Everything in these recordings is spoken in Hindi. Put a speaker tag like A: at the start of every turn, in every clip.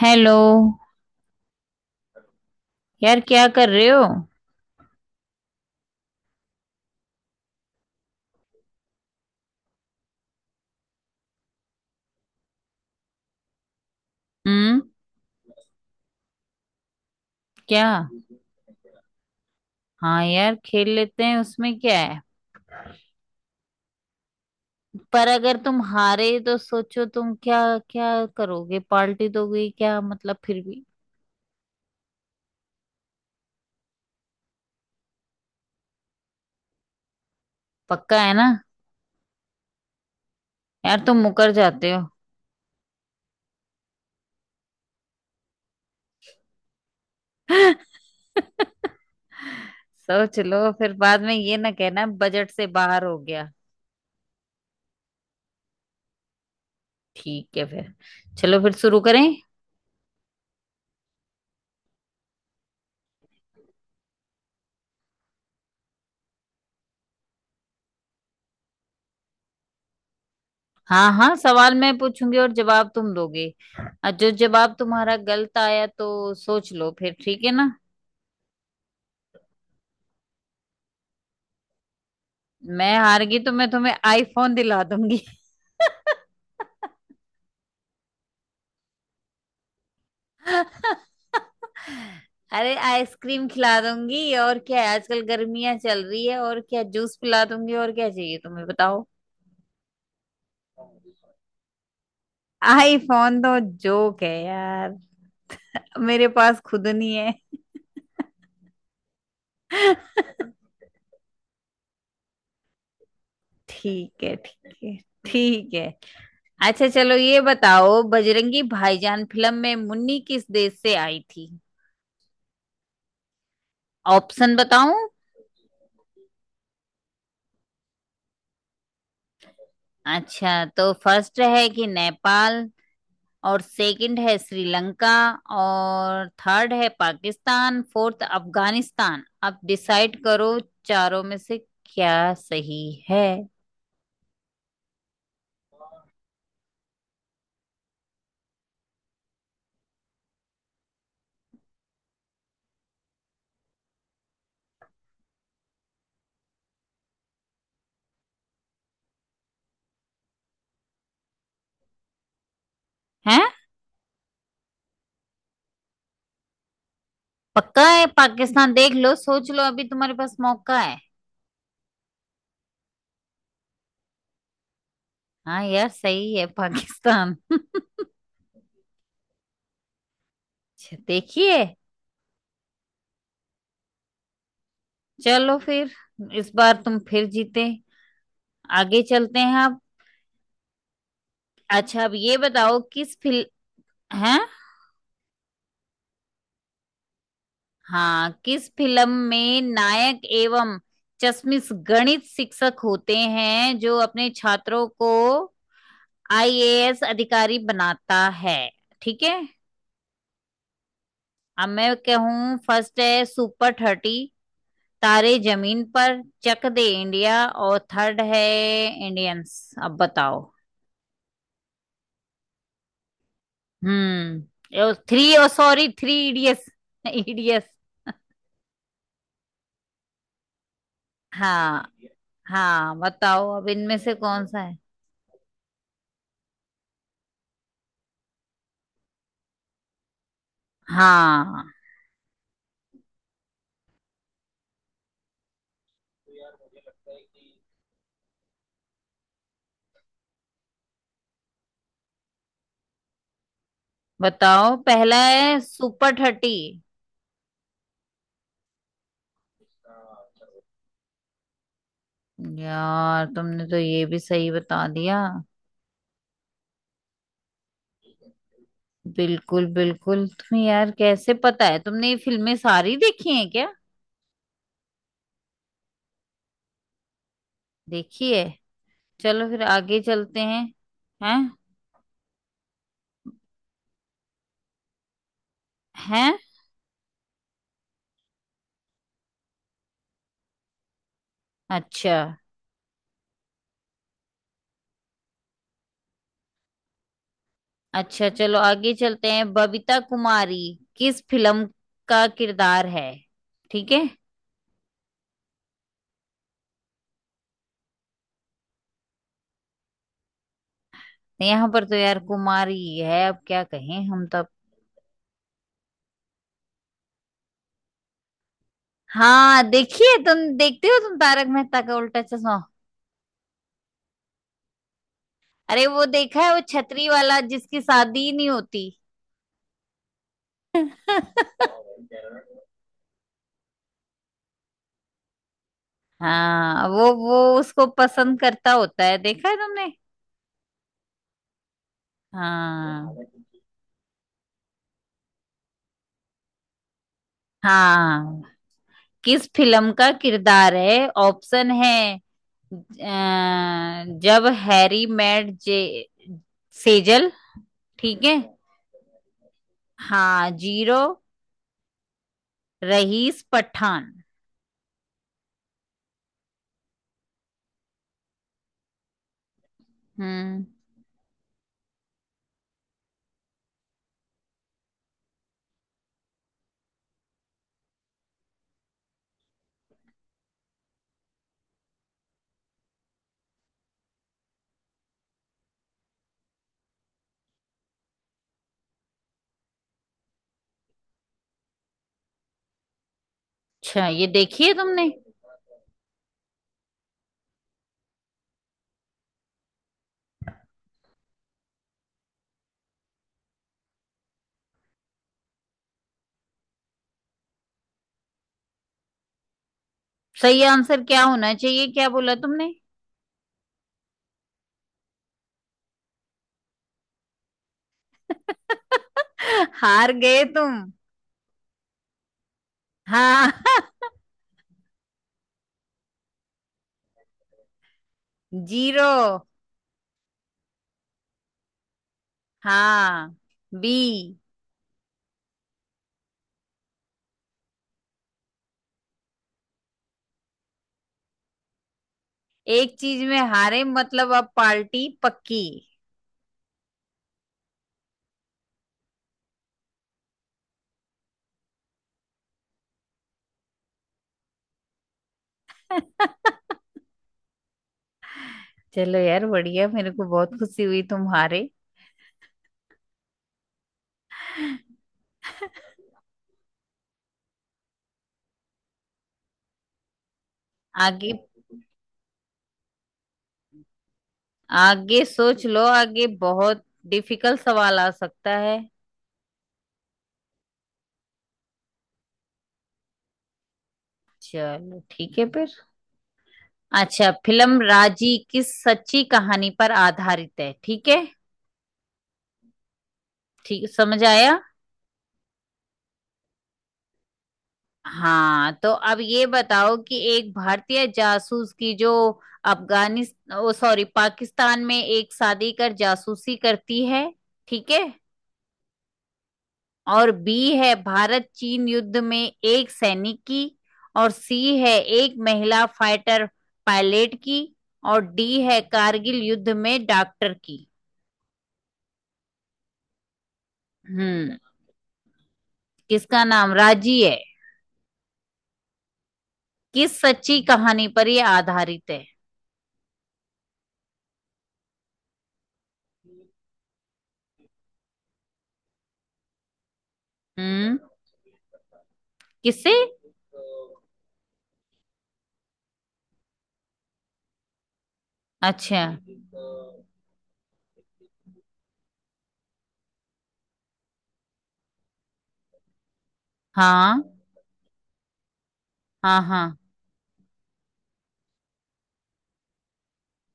A: हेलो यार, क्या कर रहे हो? हम्म। क्या? हाँ यार, खेल लेते हैं। उसमें क्या है? पर अगर तुम हारे तो सोचो तुम क्या क्या करोगे, पार्टी दोगे क्या, मतलब फिर भी? पक्का है ना? यार, तुम मुकर जाते हो। सोच लो, फिर बाद में ये ना कहना बजट से बाहर हो गया। ठीक है फिर। चलो फिर शुरू करें। हाँ, हाँ, सवाल मैं पूछूंगी और जवाब तुम दोगे। और जो जवाब तुम्हारा गलत आया तो सोच लो फिर। ठीक है ना? मैं हार गई तो मैं तुम्हें आईफोन दिला दूंगी। अरे, आइसक्रीम खिला दूंगी और क्या है, आजकल गर्मियां चल रही है, और क्या जूस पिला दूंगी, और क्या चाहिए तुम्हें, बताओ। आईफोन तो जोक है यार, मेरे पास खुद नहीं है। ठीक है, ठीक है, ठीक है। अच्छा, चलो ये बताओ, बजरंगी भाईजान फिल्म में मुन्नी किस देश से आई थी? ऑप्शन बताऊं? अच्छा, तो फर्स्ट है कि नेपाल, और सेकंड है श्रीलंका, और थर्ड है पाकिस्तान, फोर्थ अफगानिस्तान। अब डिसाइड करो, चारों में से क्या सही है? हैं? पक्का है पाकिस्तान? देख लो, सोच लो, अभी तुम्हारे पास मौका है। हाँ यार, सही है पाकिस्तान। अच्छा। देखिए। चलो फिर, इस बार तुम फिर जीते। आगे चलते हैं आप। अच्छा, अब ये बताओ, किस फिल्म हैं? हाँ, किस फिल्म में नायक एवं चश्मिश गणित शिक्षक होते हैं जो अपने छात्रों को आईएएस अधिकारी बनाता है? ठीक है? अब मैं कहूँ, फर्स्ट है सुपर थर्टी, तारे जमीन पर, चक दे इंडिया, और थर्ड है इंडियंस। अब बताओ। हम्म, थ्री और सॉरी, थ्री इडियट्स, इडियट्स। हाँ, हाँ, बताओ अब इनमें से कौन सा है। हाँ, बताओ, पहला है सुपर थर्टी। यार, तुमने तो ये भी सही बता दिया। बिल्कुल, बिल्कुल, तुम्हें यार कैसे पता है? तुमने ये फिल्में सारी देखी हैं क्या? देखी है। चलो फिर, आगे चलते हैं। हैं? हैं? अच्छा। अच्छा, चलो, आगे चलते हैं। बबीता कुमारी किस फिल्म का किरदार है? ठीक है? यहाँ पर तो यार कुमारी ही है, अब क्या कहें, हम तो हाँ, देखिए, तुम देखते हो तुम तारक मेहता का उल्टा चश्मा? अरे, वो देखा है, वो छतरी वाला, जिसकी शादी ही नहीं होती। हाँ, वो उसको पसंद करता होता है, देखा है तुमने? हाँ, हाँ, किस फिल्म का किरदार है? ऑप्शन है, जब हैरी मेट जे सेजल। ठीक है? हाँ, जीरो, रईस, पठान। हम्म। अच्छा, ये देखिए तुमने। सही आंसर क्या होना चाहिए? क्या बोला तुमने? हार गए तुम। हाँ। जीरो। हाँ। बी। एक चीज में हारे मतलब, अब पार्टी पक्की। चलो यार, बढ़िया, मेरे को बहुत खुशी हुई तुम हारे। आगे, आगे सोच लो, आगे बहुत डिफिकल्ट सवाल आ सकता है। चलो ठीक है फिर। अच्छा, फिल्म राजी किस सच्ची कहानी पर आधारित है? ठीक है? ठीक, समझ आया। हाँ, तो अब ये बताओ, कि एक भारतीय जासूस की, जो अफगानिस्तान, ओ सॉरी, पाकिस्तान में एक शादी कर जासूसी करती है, ठीक है? और बी है भारत चीन युद्ध में एक सैनिक की, और सी है एक महिला फाइटर पायलट की, और डी है कारगिल युद्ध में डॉक्टर की। हम्म, किसका नाम राजी है? किस सच्ची कहानी पर यह आधारित है? हम्म, किससे? अच्छा, हाँ, हाँ, हाँ,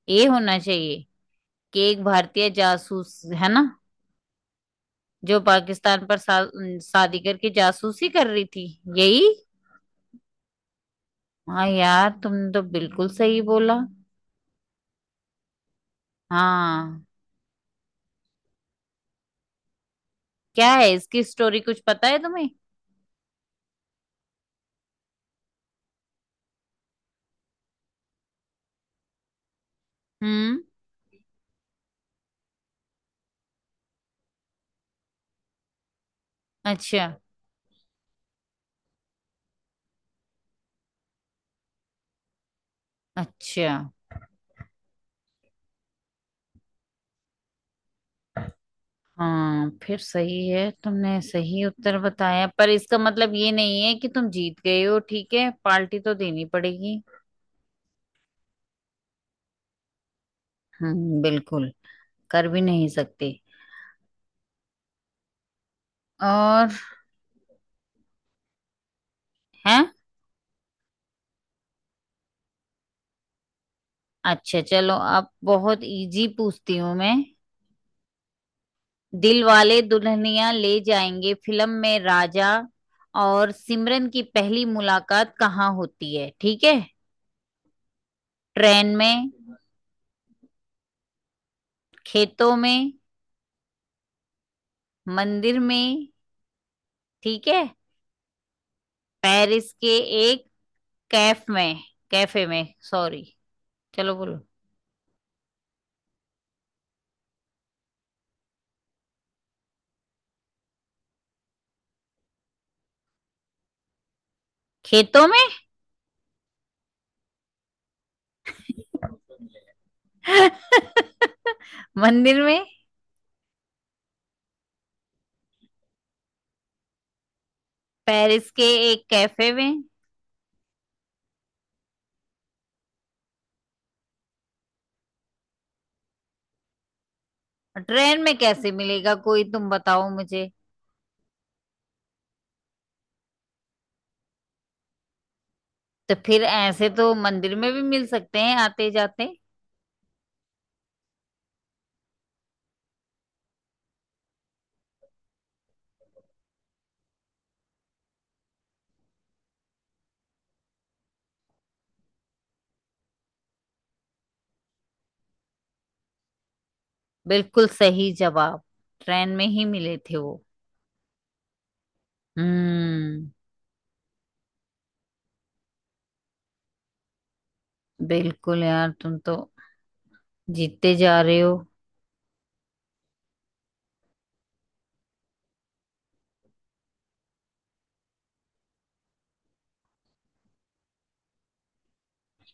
A: ये होना चाहिए, कि एक भारतीय जासूस है ना, जो पाकिस्तान पर शादी करके जासूसी कर रही थी, यही। हाँ यार, तुमने तो बिल्कुल सही बोला। हाँ। क्या है इसकी स्टोरी, कुछ पता है तुम्हें? हम्म। अच्छा, अच्छा। हाँ, फिर सही है, तुमने सही उत्तर बताया, पर इसका मतलब ये नहीं है कि तुम जीत गए हो। ठीक है, पार्टी तो देनी पड़ेगी। हम्म, बिल्कुल, कर भी नहीं सकते। और? है? अच्छा चलो, अब बहुत इजी पूछती हूँ मैं। दिल वाले दुल्हनिया ले जाएंगे फिल्म में राजा और सिमरन की पहली मुलाकात कहाँ होती है? ठीक है? ट्रेन में, खेतों में, मंदिर में, ठीक है? पेरिस के एक कैफ में, कैफे में सॉरी। चलो, बोलो। खेतों में, मंदिर में, पेरिस के एक कैफे में। ट्रेन में कैसे मिलेगा कोई, तुम बताओ मुझे। तो फिर ऐसे तो मंदिर में भी मिल सकते हैं, आते जाते। बिल्कुल सही जवाब, ट्रेन में ही मिले थे वो। हम्म, बिल्कुल यार, तुम तो जीतते जा रहे हो।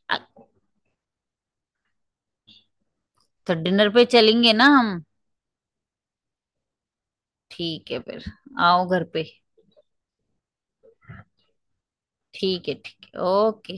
A: अ- तो डिनर पे चलेंगे ना हम? ठीक है फिर, आओ घर पे। ठीक है, ठीक है, ओके।